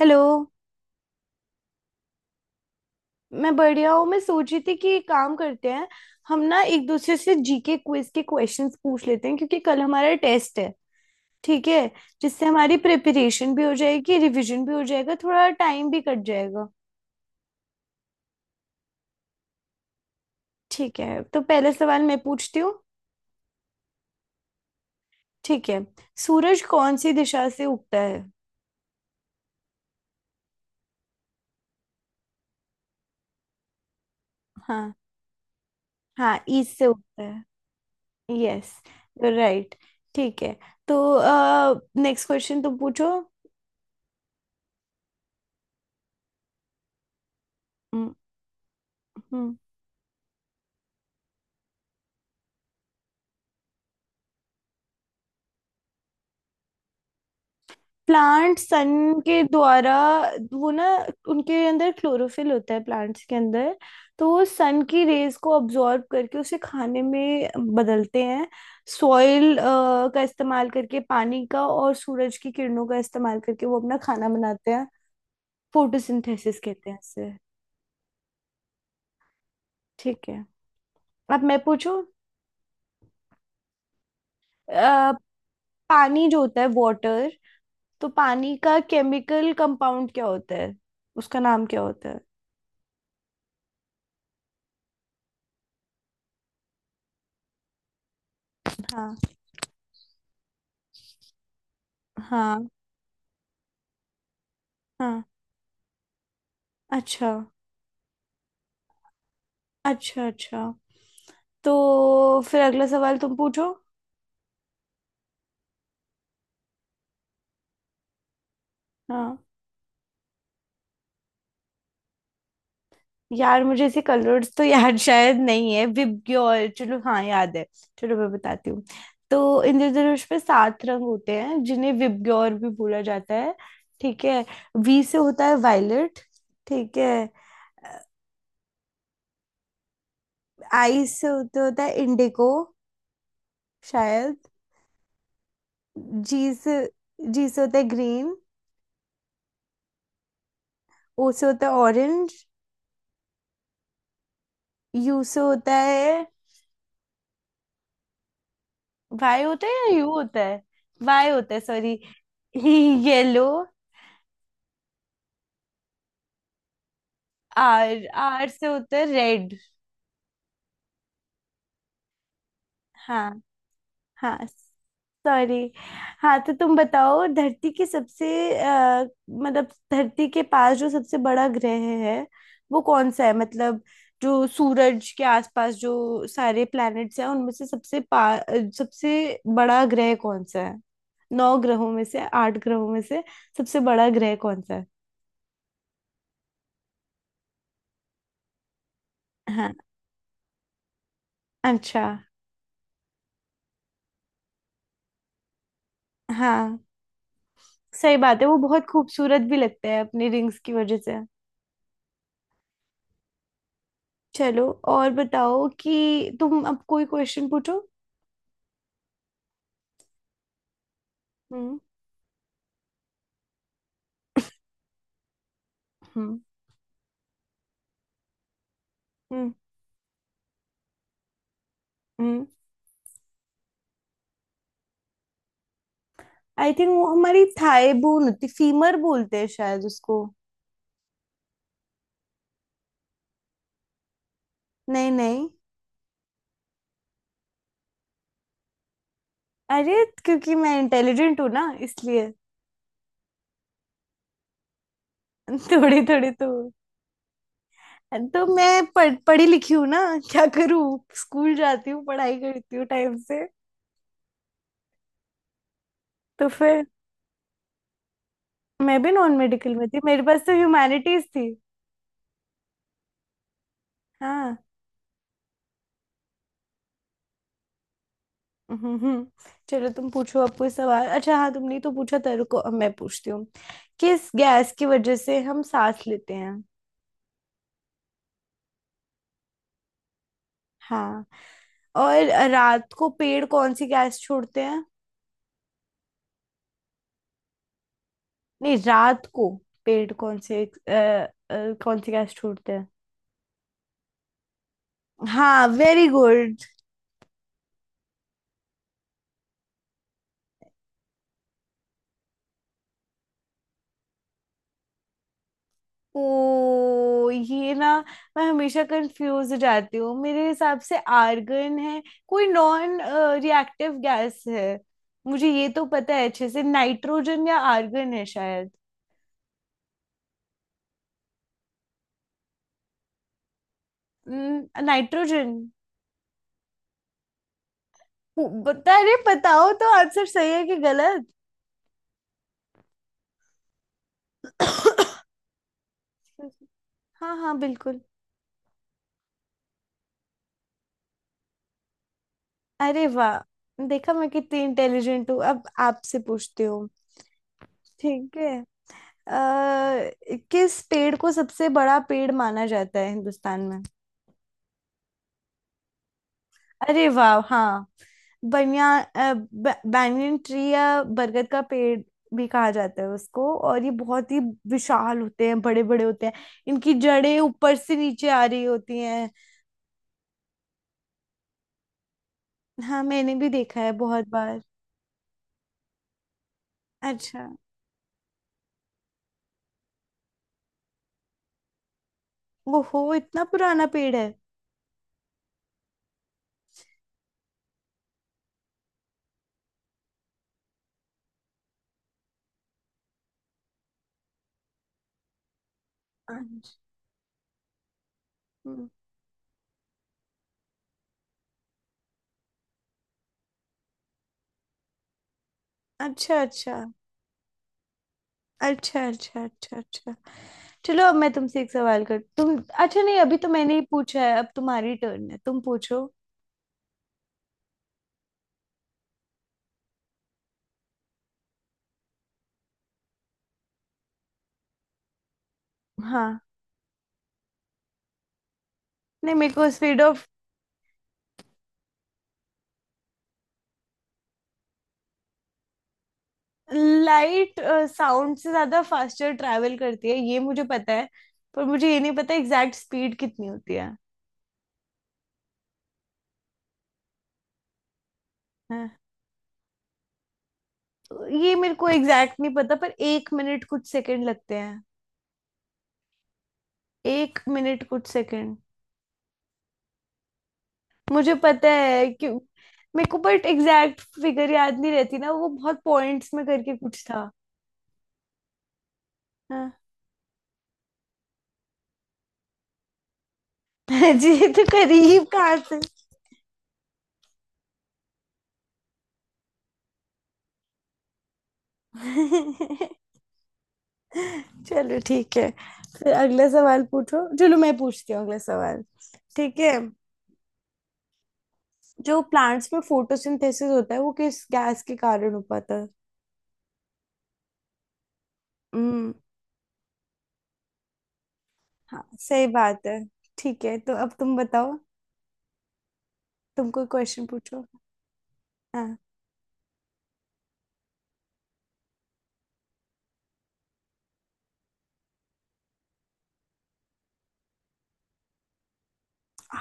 Hello. मैं बढ़िया हूँ। मैं सोच रही थी कि एक काम करते हैं। हम ना एक दूसरे से जीके क्विज के क्वेश्चंस पूछ लेते हैं क्योंकि कल हमारा टेस्ट है। ठीक है। जिससे हमारी प्रिपरेशन भी हो जाएगी, रिवीजन भी हो जाएगा, थोड़ा टाइम भी कट जाएगा। ठीक है, तो पहला सवाल मैं पूछती हूँ। ठीक है। सूरज कौन सी दिशा से उगता है? हाँ। हाँ, ईस्ट से उगता है। यस। राइट। ठीक है। तो नेक्स्ट क्वेश्चन तुम पूछो। हम्म। हम्म। प्लांट सन के द्वारा। वो ना, उनके अंदर क्लोरोफिल होता है, प्लांट्स के अंदर। तो वो सन की रेज को अब्जॉर्ब करके उसे खाने में बदलते हैं। सॉइल का इस्तेमाल करके, पानी का और सूरज की किरणों का इस्तेमाल करके वो अपना खाना बनाते हैं। फोटोसिंथेसिस कहते हैं इसे। ठीक है। अब मैं पूछूं। अ, पानी जो होता है, वाटर। तो पानी का केमिकल कंपाउंड क्या होता है? उसका नाम क्या होता है? हाँ। हाँ। हाँ। अच्छा। अच्छा। अच्छा। तो फिर अगला सवाल तुम पूछो। हाँ। यार, मुझे ऐसे कलर्स तो याद शायद नहीं है। विबग्योर, चलो हाँ, याद है। चलो मैं बताती हूँ। तो इंद्रधनुष पे सात रंग होते हैं जिन्हें विबग्योर भी बोला जाता है। ठीक है। वी से होता है वायलेट। ठीक है। आई से होते होता है इंडिगो, शायद। जी से। जी से होता है ग्रीन। ओ से होता है ऑरेंज। यू से होता है, वाई होता है, या यू होता है। वाई होता है सॉरी, येलो। आर आर से होता है रेड। हाँ। हाँ। सॉरी। हाँ तो तुम बताओ, धरती के सबसे अ, मतलब धरती के पास जो सबसे बड़ा ग्रह है वो कौन सा है? मतलब जो सूरज के आसपास जो सारे प्लैनेट्स हैं, उनमें से सबसे सबसे बड़ा ग्रह कौन सा है? नौ ग्रहों में से, आठ ग्रहों में से सबसे बड़ा ग्रह कौन सा है? हाँ। अच्छा। हाँ सही बात है, वो बहुत खूबसूरत भी लगते हैं अपनी रिंग्स की वजह से। चलो, और बताओ कि तुम अब कोई क्वेश्चन पूछो। हम्म। हम्म। हम्म। हम्म। आई थिंक वो हमारी थाई बोन होती, फीमर बोलते हैं शायद उसको। नहीं नहीं। अरे क्योंकि मैं इंटेलिजेंट हूँ ना, इसलिए। थोड़ी थोड़ी तो। तो मैं पढ़ी लिखी हूँ ना। क्या करूँ, स्कूल जाती हूँ, पढ़ाई करती हूँ टाइम से। तो फिर। मैं भी नॉन मेडिकल में थी, मेरे पास तो ह्यूमैनिटीज थी। हाँ। हम्म। हम्म। चलो तुम पूछो अब कोई सवाल। अच्छा हाँ, तुमने तो पूछा था, रुको अब मैं पूछती हूँ। किस गैस की वजह से हम सांस लेते हैं? हाँ। और रात को पेड़ कौन सी गैस छोड़ते हैं? नहीं, रात को पेड़ कौन से कौन सी गैस छोड़ते हैं? हाँ वेरी गुड। ओ ये ना, मैं हमेशा कंफ्यूज हो जाती हूँ, मेरे हिसाब से आर्गन है। कोई नॉन रिएक्टिव गैस है। मुझे ये तो पता है अच्छे से, नाइट्रोजन या आर्गन है शायद। नाइट्रोजन। बता अरे बताओ तो आंसर सही है कि गलत। हाँ हाँ बिल्कुल। अरे वाह। देखा, मैं कितनी इंटेलिजेंट हूँ, अब आपसे पूछती हूँ। ठीक है। अ, किस पेड़ को सबसे बड़ा पेड़ माना जाता है हिंदुस्तान में? अरे वाह, हाँ। बनियान बैंगन ट्री, या बरगद का पेड़ भी कहा जाता है उसको, और ये बहुत ही विशाल होते हैं, बड़े बड़े होते हैं। इनकी जड़ें ऊपर से नीचे आ रही होती हैं। हाँ मैंने भी देखा है बहुत बार। अच्छा। वो हो, इतना पुराना पेड़ है। अच्छा। हम्म। अच्छा अच्छा अच्छा अच्छा अच्छा अच्छा। चलो अब मैं तुमसे एक सवाल कर, तुम अच्छा नहीं, अभी तो मैंने ही पूछा है, अब तुम्हारी टर्न है, तुम पूछो। हाँ। नहीं, मेरे को स्पीड ऑफ लाइट, साउंड से ज्यादा फास्टर ट्रैवल करती है, ये मुझे पता है। पर मुझे ये नहीं पता एग्जैक्ट स्पीड कितनी होती है। हाँ। ये मेरे को एग्जैक्ट नहीं पता, पर एक मिनट कुछ सेकंड लगते हैं। एक मिनट कुछ सेकंड। मुझे पता है क्यों, मेरे को, बट एग्जैक्ट फिगर याद नहीं रहती ना, वो बहुत पॉइंट्स में करके कुछ था। हाँ। जी ये तो करीब कहाँ से। चलो ठीक है। फिर अगला सवाल पूछो, चलो मैं पूछती हूँ अगला सवाल। ठीक है। जो प्लांट्स में फोटोसिंथेसिस होता है वो किस गैस के कारण हो पाता है? हम्म। हाँ सही बात है। ठीक है, तो अब तुम बताओ, तुम कोई क्वेश्चन पूछो। हाँ।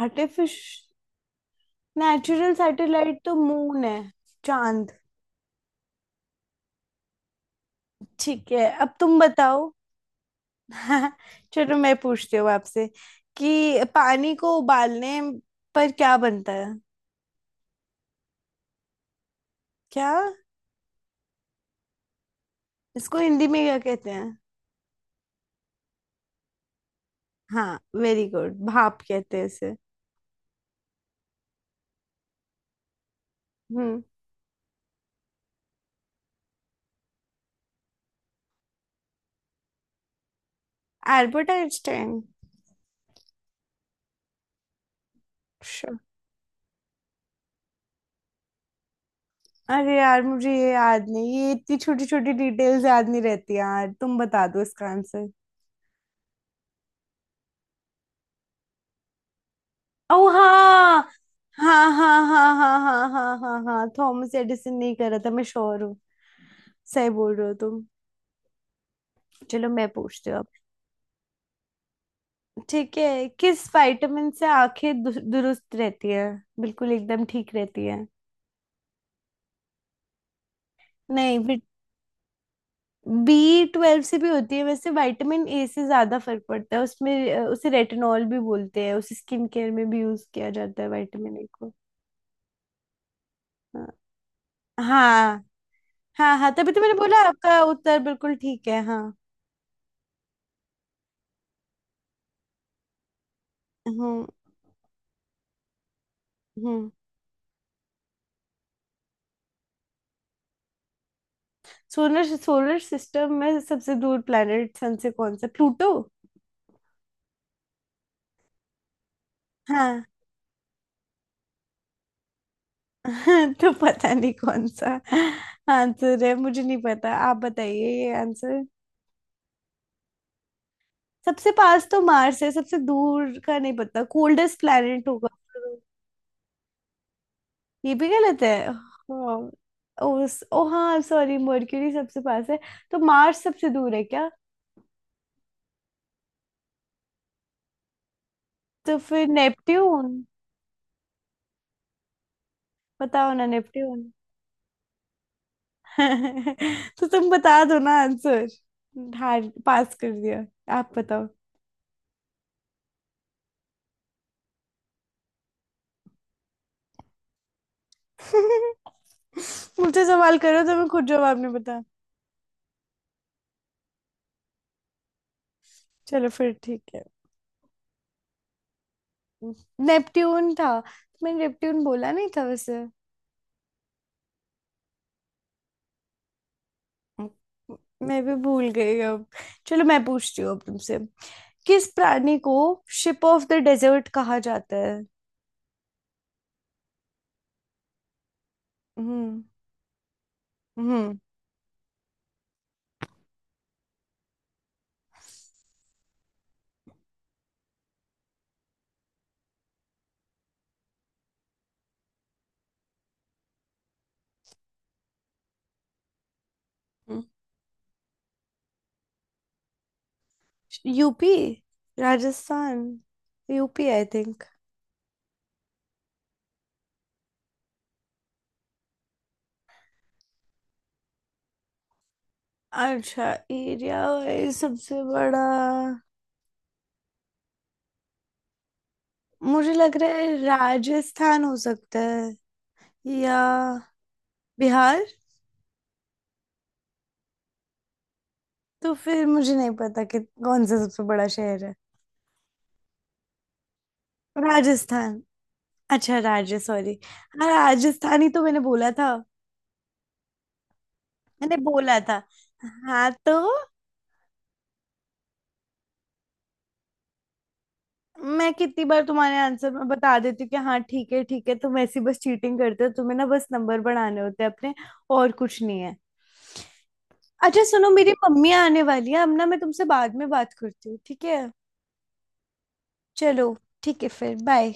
आर्टिफिश नेचुरल सैटेलाइट तो मून है। चांद। ठीक है, अब तुम बताओ। चलो, मैं पूछती हूँ आपसे कि पानी को उबालने पर क्या बनता है? क्या? इसको हिंदी में क्या कहते हैं? हाँ वेरी गुड, भाप कहते हैं इसे। हम्म। Albert Einstein. अरे यार मुझे ये याद नहीं, ये इतनी छोटी छोटी डिटेल्स याद नहीं रहती यार, तुम बता दो इसका आंसर। ओ हाँ हाँ हाँ हाँ हाँ हाँ हाँ हाँ हाँ, थॉमस एडिसन नहीं कर रहा था, मैं श्योर हूँ। सही बोल रहे हो तुम। चलो मैं पूछती हूँ अब। ठीक है, किस विटामिन से आंखें दुरुस्त रहती है? बिल्कुल एकदम ठीक रहती है। नहीं। बी ट्वेल्व से भी होती है, वैसे विटामिन ए से ज्यादा फर्क पड़ता है उसमें, उसे रेटिनॉल भी बोलते हैं, उसे स्किन केयर में भी यूज किया जाता है, विटामिन ए को। हाँ हाँ हाँ हाँ तभी तो मैंने बोला आपका उत्तर बिल्कुल ठीक है, हाँ। हम्म। हम्म। सोलर सोलर सिस्टम में सबसे दूर प्लेनेट सन से कौन सा, प्लूटो? हाँ। तो पता नहीं कौन सा आंसर है, मुझे नहीं पता, आप बताइए ये आंसर। सबसे पास तो मार्स है, सबसे दूर का नहीं पता, कोल्डेस्ट प्लैनेट होगा। ये भी गलत है हाँ। उस ओ हाँ सॉरी, मर्क्यूरी सबसे पास है। तो मार्स सबसे दूर है क्या? तो फिर नेपट्यून। बताओ ना, नेपट्यून। तो तुम बता दो ना आंसर। हार पास कर दिया। आप बताओ। मुझसे सवाल करो तो मैं खुद जवाब नहीं बता। चलो फिर ठीक है। नेपट्यून था। मैंने नेपट्यून बोला नहीं था वैसे। मैं भी भूल गई अब। चलो मैं पूछती हूँ अब तुमसे, किस प्राणी को शिप ऑफ द डेजर्ट कहा जाता है? हम्म। हम्म। यूपी। राजस्थान। UP I think. अच्छा। एरिया वाइज सबसे बड़ा। मुझे लग रहा है राजस्थान हो सकता है, या बिहार। तो फिर मुझे नहीं पता कि कौन सा सबसे बड़ा शहर है। राजस्थान। अच्छा राज्य सॉरी। हाँ राजस्थान ही तो मैंने बोला था, मैंने बोला था, हाँ तो। मैं कितनी बार तुम्हारे आंसर में बता देती हूँ कि हाँ ठीक है ठीक है, तुम ऐसी बस चीटिंग करते हो, तुम्हें ना बस नंबर बढ़ाने होते हैं अपने, और कुछ नहीं है। अच्छा सुनो, मेरी मम्मी आने वाली है अब ना, मैं तुमसे बाद में बात करती हूँ, ठीक है? चलो, ठीक है, फिर बाय।